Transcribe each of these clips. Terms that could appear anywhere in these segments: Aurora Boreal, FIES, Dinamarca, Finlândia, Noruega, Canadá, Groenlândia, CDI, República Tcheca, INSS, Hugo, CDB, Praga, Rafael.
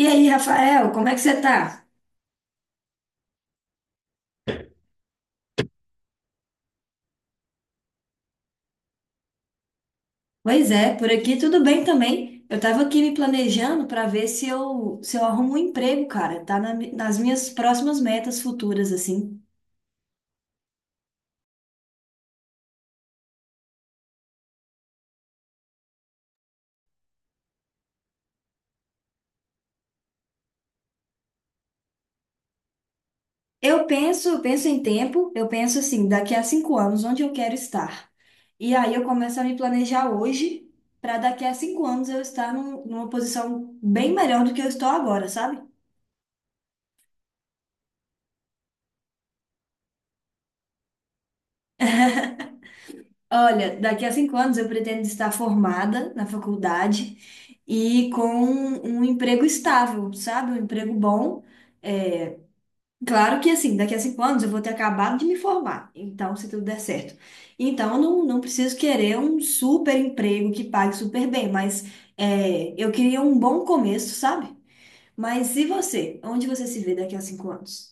E aí, Rafael, como é que você tá? Pois é, por aqui tudo bem também. Eu tava aqui me planejando para ver se eu arrumo um emprego, cara. Tá nas minhas próximas metas futuras, assim. Eu penso em tempo, eu penso assim, daqui a cinco anos, onde eu quero estar. E aí eu começo a me planejar hoje para daqui a cinco anos eu estar numa posição bem melhor do que eu estou agora, sabe? Olha, daqui a cinco anos eu pretendo estar formada na faculdade e com um emprego estável, sabe? Um emprego bom. É, claro que assim, daqui a cinco anos eu vou ter acabado de me formar, então se tudo der certo. Então eu não preciso querer um super emprego que pague super bem, mas eu queria um bom começo, sabe? Mas e você? Onde você se vê daqui a cinco anos?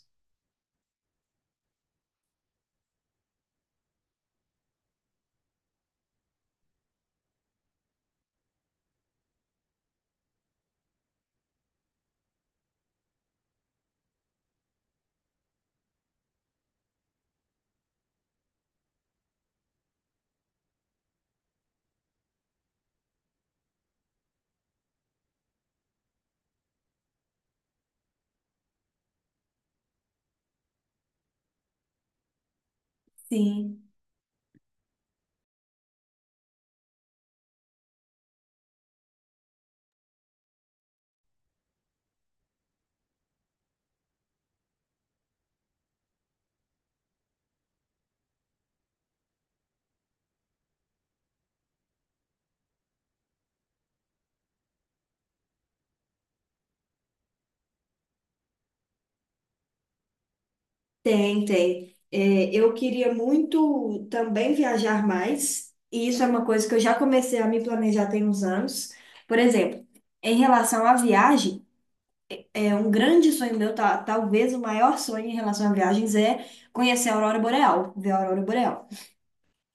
Sim. Tem, tem. É, eu queria muito também viajar mais, e isso é uma coisa que eu já comecei a me planejar tem uns anos. Por exemplo, em relação à viagem, é um grande sonho meu, talvez o maior sonho em relação a viagens é conhecer a Aurora Boreal, ver a Aurora Boreal.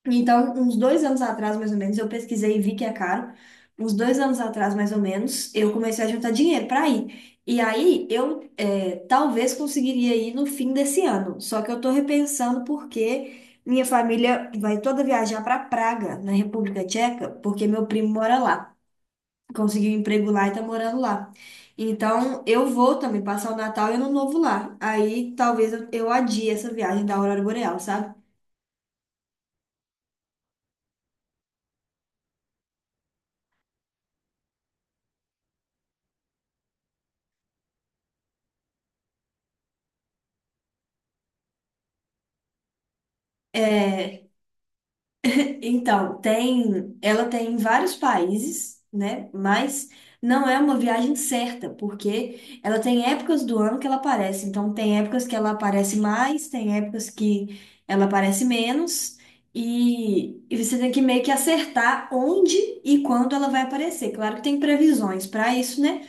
Então, uns dois anos atrás, mais ou menos, eu pesquisei e vi que é caro. Uns dois anos atrás, mais ou menos, eu comecei a juntar dinheiro para ir. E aí, talvez conseguiria ir no fim desse ano. Só que eu estou repensando porque minha família vai toda viajar para Praga, na República Tcheca, porque meu primo mora lá. Conseguiu um emprego lá e está morando lá. Então, eu vou também passar o Natal e o Ano Novo lá. Aí, talvez eu adie essa viagem da Aurora Boreal, sabe? É, então, tem, ela tem em vários países, né? Mas não é uma viagem certa, porque ela tem épocas do ano que ela aparece. Então, tem épocas que ela aparece mais, tem épocas que ela aparece menos, e você tem que meio que acertar onde e quando ela vai aparecer. Claro que tem previsões para isso, né?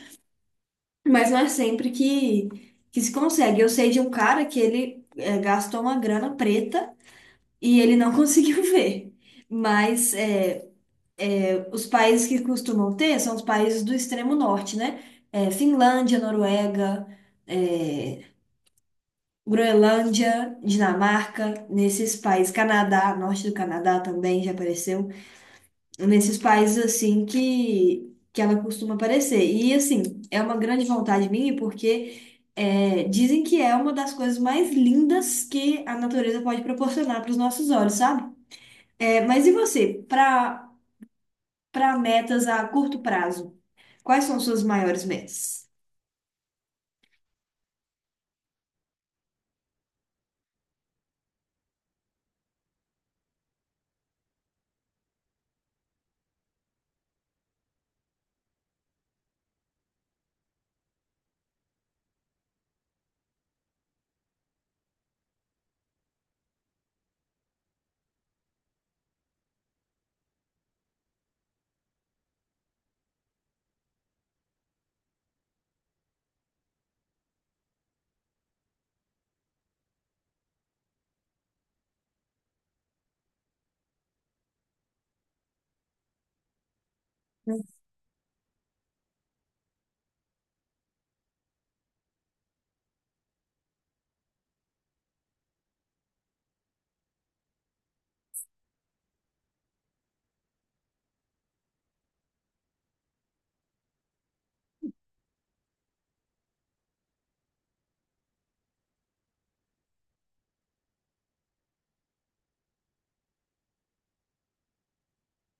Mas não é sempre que se consegue. Eu sei de um cara que ele gastou uma grana preta e ele não conseguiu ver. Mas é, os países que costumam ter são os países do extremo norte, né? É, Finlândia, Noruega, é, Groenlândia, Dinamarca, nesses países, Canadá, norte do Canadá também já apareceu, nesses países assim que ela costuma aparecer. E assim, é uma grande vontade minha porque é, dizem que é uma das coisas mais lindas que a natureza pode proporcionar para os nossos olhos, sabe? É, mas e você, para metas a curto prazo? Quais são suas maiores metas?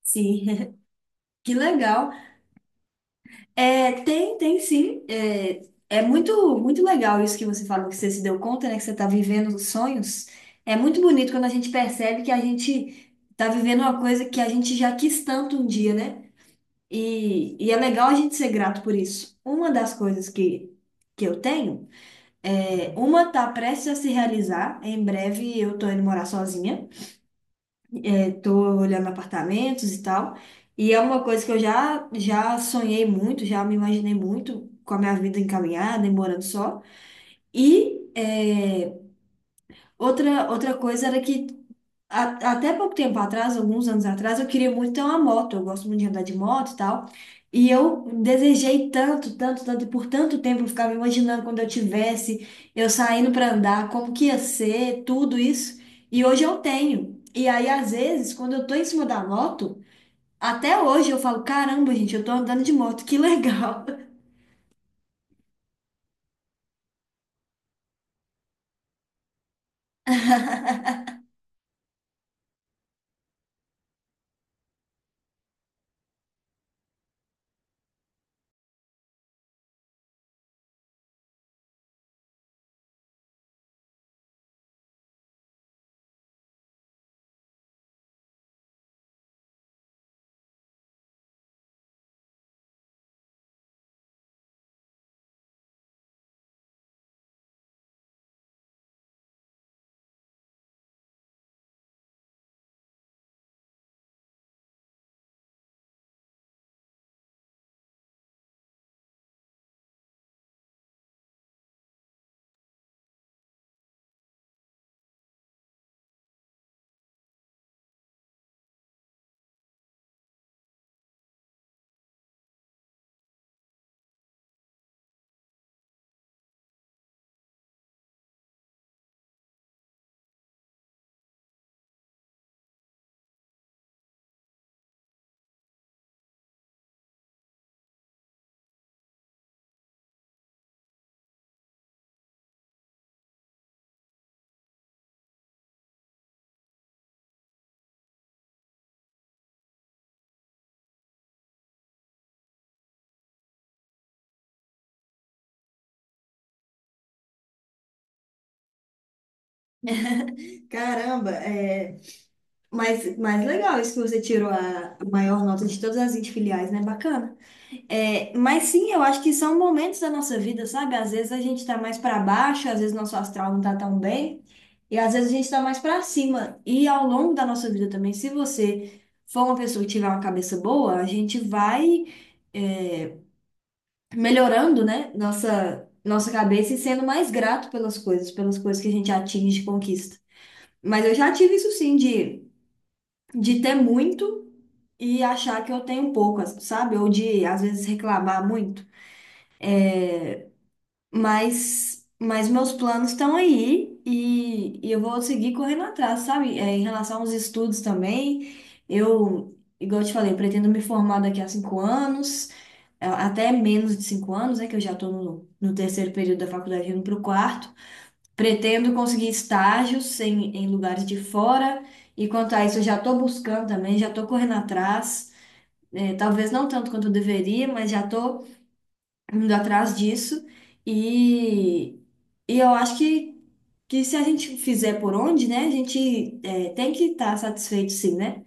Sim, que legal. É, tem, tem sim. É, é muito, muito legal isso que você falou, que você se deu conta, né? Que você está vivendo os sonhos. É muito bonito quando a gente percebe que a gente está vivendo uma coisa que a gente já quis tanto um dia, né? E é legal a gente ser grato por isso. Uma das coisas que eu tenho, é, uma tá prestes a se realizar. Em breve eu tô indo morar sozinha. Estou olhando apartamentos e tal. E é uma coisa que eu já sonhei muito, já me imaginei muito com a minha vida encaminhada e morando só. E é, outra coisa era que até pouco tempo atrás, alguns anos atrás, eu queria muito ter uma moto. Eu gosto muito de andar de moto e tal. E eu desejei tanto, tanto, tanto, e por tanto tempo eu ficava imaginando quando eu tivesse, eu saindo para andar, como que ia ser, tudo isso. E hoje eu tenho. E aí, às vezes, quando eu tô em cima da moto, até hoje eu falo, caramba, gente, eu tô andando de moto, que legal. Caramba, é... Mas legal isso que você tirou a maior nota de todas as 20 filiais, né? Bacana. É, mas sim, eu acho que são momentos da nossa vida, sabe? Às vezes a gente tá mais pra baixo, às vezes nosso astral não tá tão bem, e às vezes a gente tá mais pra cima. E ao longo da nossa vida também, se você for uma pessoa que tiver uma cabeça boa, a gente vai melhorando, né, nossa cabeça e sendo mais grato pelas coisas que a gente atinge e conquista. Mas eu já tive isso sim, de ter muito e achar que eu tenho pouco, sabe? Ou de, às vezes, reclamar muito. Mas meus planos estão aí e eu vou seguir correndo atrás, sabe? É, em relação aos estudos também, eu, igual eu te falei, pretendo me formar daqui a cinco anos. É, até menos de cinco anos, né, que eu já estou no terceiro período da faculdade, indo para o quarto. Pretendo conseguir estágios em lugares de fora, e quanto a isso, eu já estou buscando também, já estou correndo atrás, é, talvez não tanto quanto eu deveria, mas já estou indo atrás disso. E, e eu acho que se a gente fizer por onde, né, a gente é, tem que estar satisfeito, sim, né?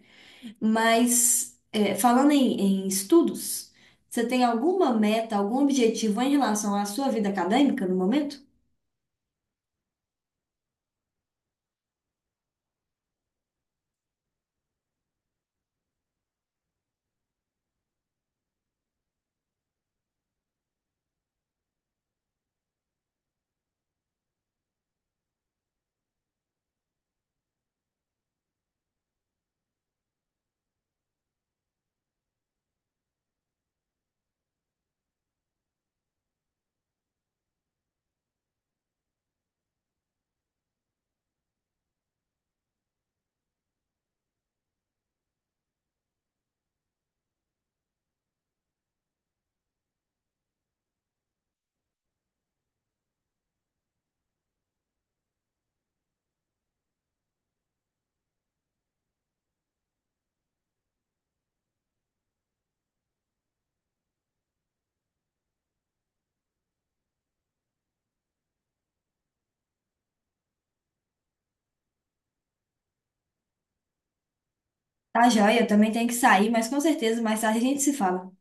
Mas é, falando em estudos, você tem alguma meta, algum objetivo em relação à sua vida acadêmica no momento? Tá, joia, eu também tenho que sair, mas com certeza mais tarde a gente se fala.